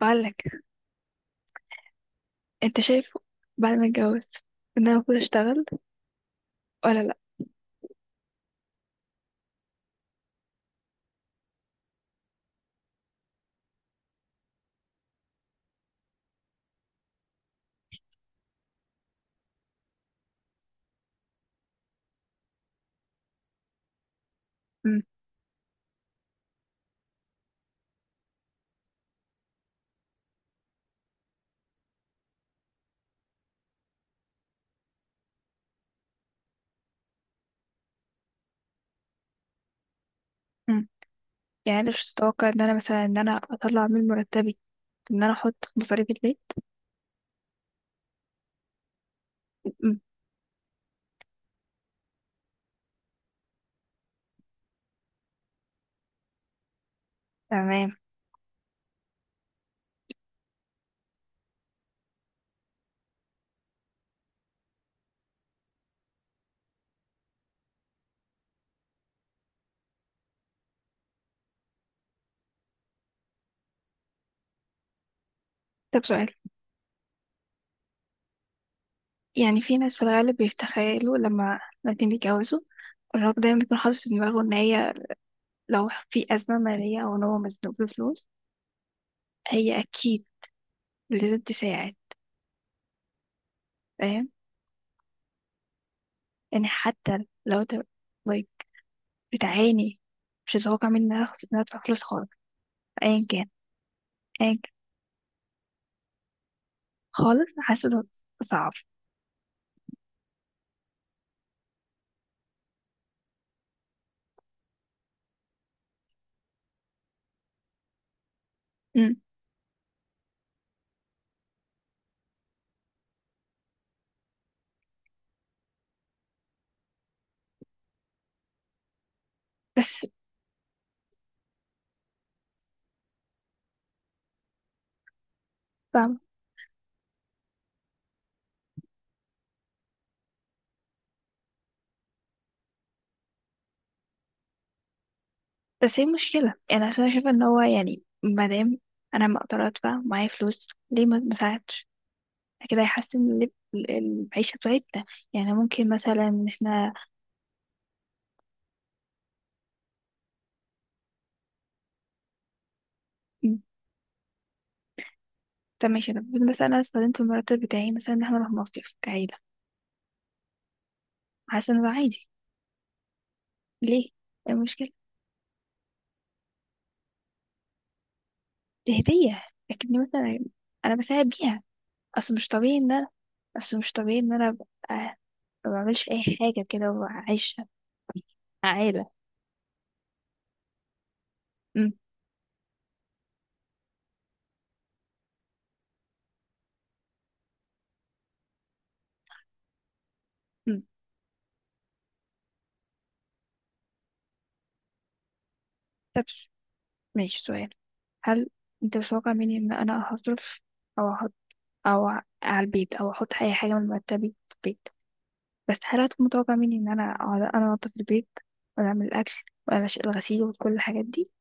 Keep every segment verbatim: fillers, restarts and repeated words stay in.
بعلك، انت شايف بعد ما اتجوز ان انا المفروض اشتغل ولا لا؟ مم. مم. يعني انا مش متوقع ان انا مثلا ان انا اطلع من مرتبي، ان انا احط في مصاريف البيت. مم. تمام. طب، سؤال. يعني في ناس في الغالب بيتخيلوا لما الاتنين بيتجوزوا، الراجل دايما بيكون حاطط في دماغه ان هي لو في ازمه ماليه او ان هو مزنوق بفلوس، هي اكيد لازم تساعد. فاهم؟ يعني حتى لو انت طيب، بتعاني، مش هتوقع مني ان انا اخد- إن أنا ادفع فلوس خالص، ايا كان. ايا خالص. حاسة ده صعب. مم. بس. فاهمة. بس هي مشكلة، يعني عشان أنا شايفة ان هو يعني مادام انا ما اقدر ادفع معايا فلوس، ليه ما ما اساعدش؟ كده هيحسن ال- ال- المعيشة بتاعتنا. يعني ممكن مثلا ان احنا... مم. طب ماشي، انا بقول مثلا انا استخدمت المرتب بتاعي مثلا ان احنا نروح مصيف كعيلة. حاسة ان ده عادي. ليه؟ إيه المشكلة؟ دي هدية، لكني مثلا انا بساعد بيها. اصل مش طبيعي ان انا اصل مش طبيعي ان انا أبقى ما بعملش اي حاجه كده وعايشه عائلة. مم. مم. طب ماشي، سؤال. هل انت متوقع مني ان انا هصرف او احط او ع- على البيت او احط اي حاجة من مرتبي في البيت؟ بس هل هتكون متوقع مني ان انا اقعد انا انضف البيت ولا اعمل الاكل ولا أش- الغسيل وكل الحاجات دي؟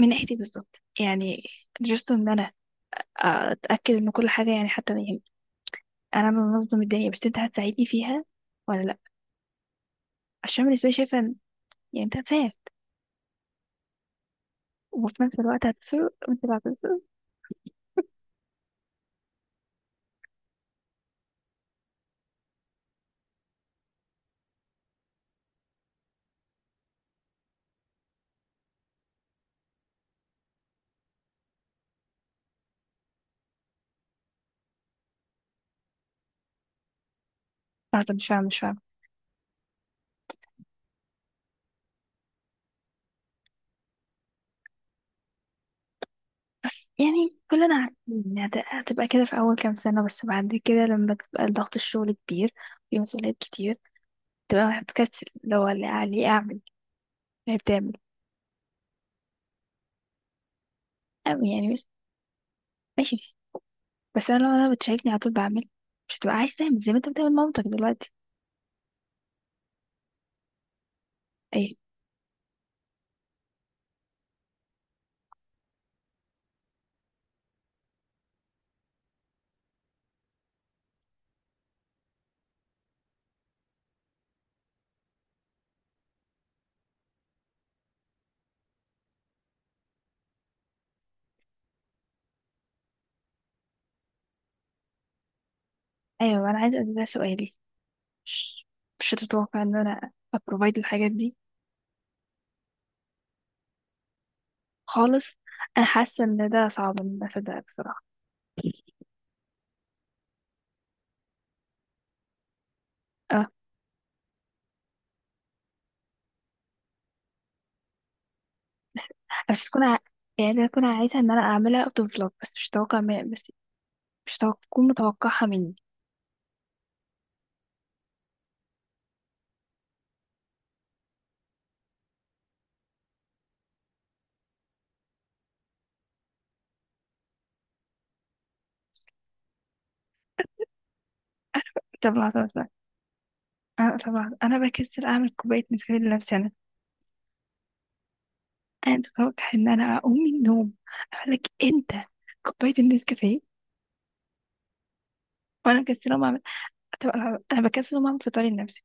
من ناحيتي بالظبط، يعني جست ان انا اتاكد ان كل حاجة، يعني حتى يعني انا بنظم الدنيا بس انت هتساعدني فيها ولا لا؟ عشان بالنسبة لي شايفة ان... يعني انت هتساعد وفي نفس الوقت هتصرف وانت اللي هتصرف. لحظة، مش فاهمة، مش فاهمة. بس يعني كلنا عارفين إن هت- هتبقى كده في أول كام سنة، بس بعد كده لما تبقى ضغط الشغل كبير، في مسؤوليات كتير، تبقى هتكسل لو اللي عليه أعمل اللي بتعمل أعمل. يعني بس ماشي. بس أنا لو أنا بتشاركني على طول بعمل، مش هتبقى عايز تعمل زي ما أنت بتعمل مامتك دلوقتي. أيوة، أيوة، أنا عايزة ده سؤالي. مش مش هتتوقع إن أنا أبروفايد الحاجات دي؟ خالص. أنا حاسة إن ده صعب إن أنا أصدقك بصراحة. اه. بس تكون ع... يعني أنا أكون عايزة إن أنا أعملها أوت أوف بلوك، بس مش هتوقع مش هتكون متوقعها مني. طب لحظة بس أنا طب لحظة، أنا بكسل أعمل كوباية نسكافيه لنفسي أنا. أنا متوقع إن أنا أقوم من النوم أقول لك أنت كوباية النسكافيه، وأنا مكسلة أقوم أعمل. طب لحظة، أنا بكسل أقوم أعمل فطاري لنفسي،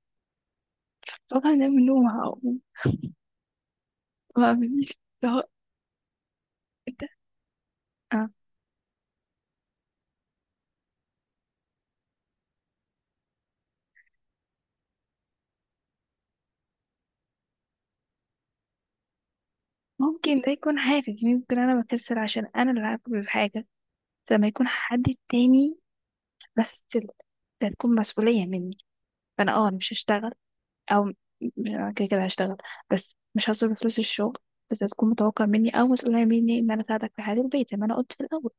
متوقع إن أنا من النوم هقوم ما أعملش؟ اللي هو أنت؟ آه. ممكن ده يكون حافز، ممكن أنا بكسل عشان أنا اللي هاكل الحاجة لما يكون حد تاني. بس ده تكون مسؤولية مني. فأنا أه أنا مش هشتغل، او م- أنا كده كده هشتغل بس مش هصرف فلوس الشغل. بس هتكون متوقع مني او مسؤولية مني ان انا اساعدك في حياة البيت زي ما انا قلت في الاول.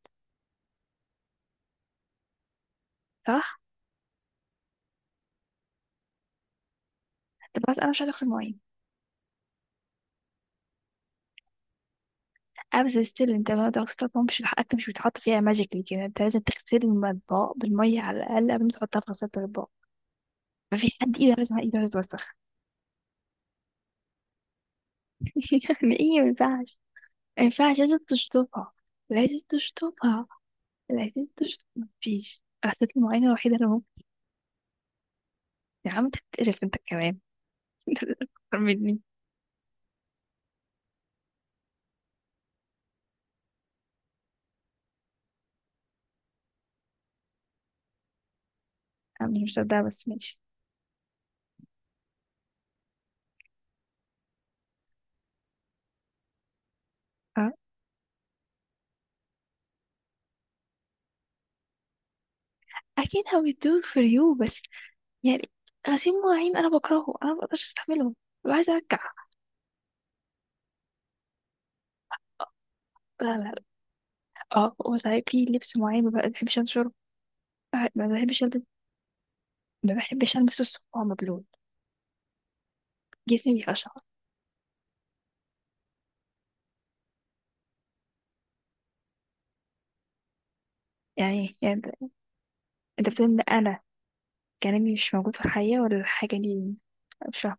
صح. طب بس انا مش عايزه اغسل مواعين. انا بس ستيل انت ما تغسل مواعين مش حقك، مش بيتحط فيها ماجيكلي كده، انت لازم تغسل المطبخ بالميه على الاقل قبل ما تحطها في غسالة الاطباق. مفيش حد ايده لازم ايده تتوسخ. يعني ايه؟ ما ينفعش، ما ينفعش، لازم تشطفها، لازم تشطفها، لازم تشطف. مفيش غسالة المواعين الوحيدة اللي ممكن... يا عم، انت بتقرف انت كمان أكتر مني. أنا مش مصدقة بس ماشي. اه. I can't how it do for you، بس يعني... غسيل مواعين أنا بكرهه، أنا مبقدرش أستحمله، ببقى عايزة أرجع. لا، لا، لا. اه، وصحيح في لبس معين ما بحبش أنشره. آه، ما بحبش ألبس. ما بحبش ألبسه الصبح وهو مبلول. جسمي بيقشعر. يعني يعني أنت أنت بتقول إن أنا كلامي مش موجود في الحقيقة ولا الحاجة دي؟ مش فاهمة.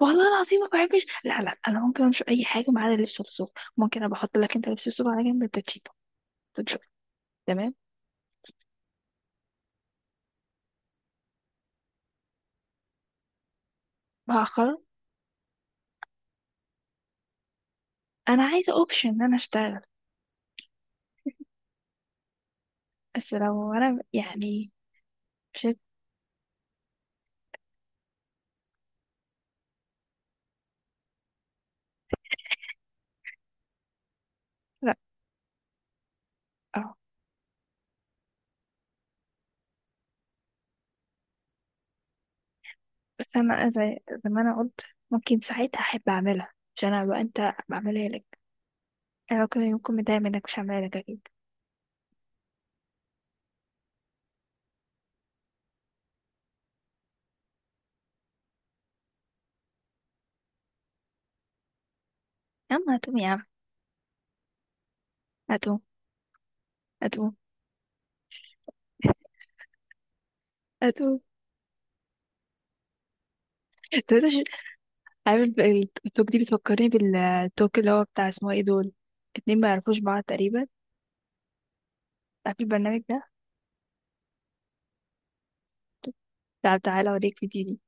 والله العظيم ما بحبش. لا، لا، أنا ممكن أنشر أي حاجة ما عدا لبس الصبح. ممكن أبقى أحط لك أنت لبس الصبح على جنب، أنت تشيله، تنشره. تمام. بأخر. أنا عايزة أوبشن إن أنا أشتغل. بس لو انا يعني... مش. لا. اه بس انا زي زي ما انا قلت، ممكن ساعتها احب اعملها، مش انا بقى، انت بعملها لك. انا ممكن يكون متضايق منك، مش هعملها لك اكيد. يا عم هتقوم، يا عم هتقوم، هتقوم، هتقوم. طب انت ش- عامل بقى. التوك دي بتفكرني بالتوك اللي هو بتاع اسمه ايه دول اتنين ما يعرفوش بعض تقريبا. عارف البرنامج ده؟ تعال تعالى اوريك فيديو.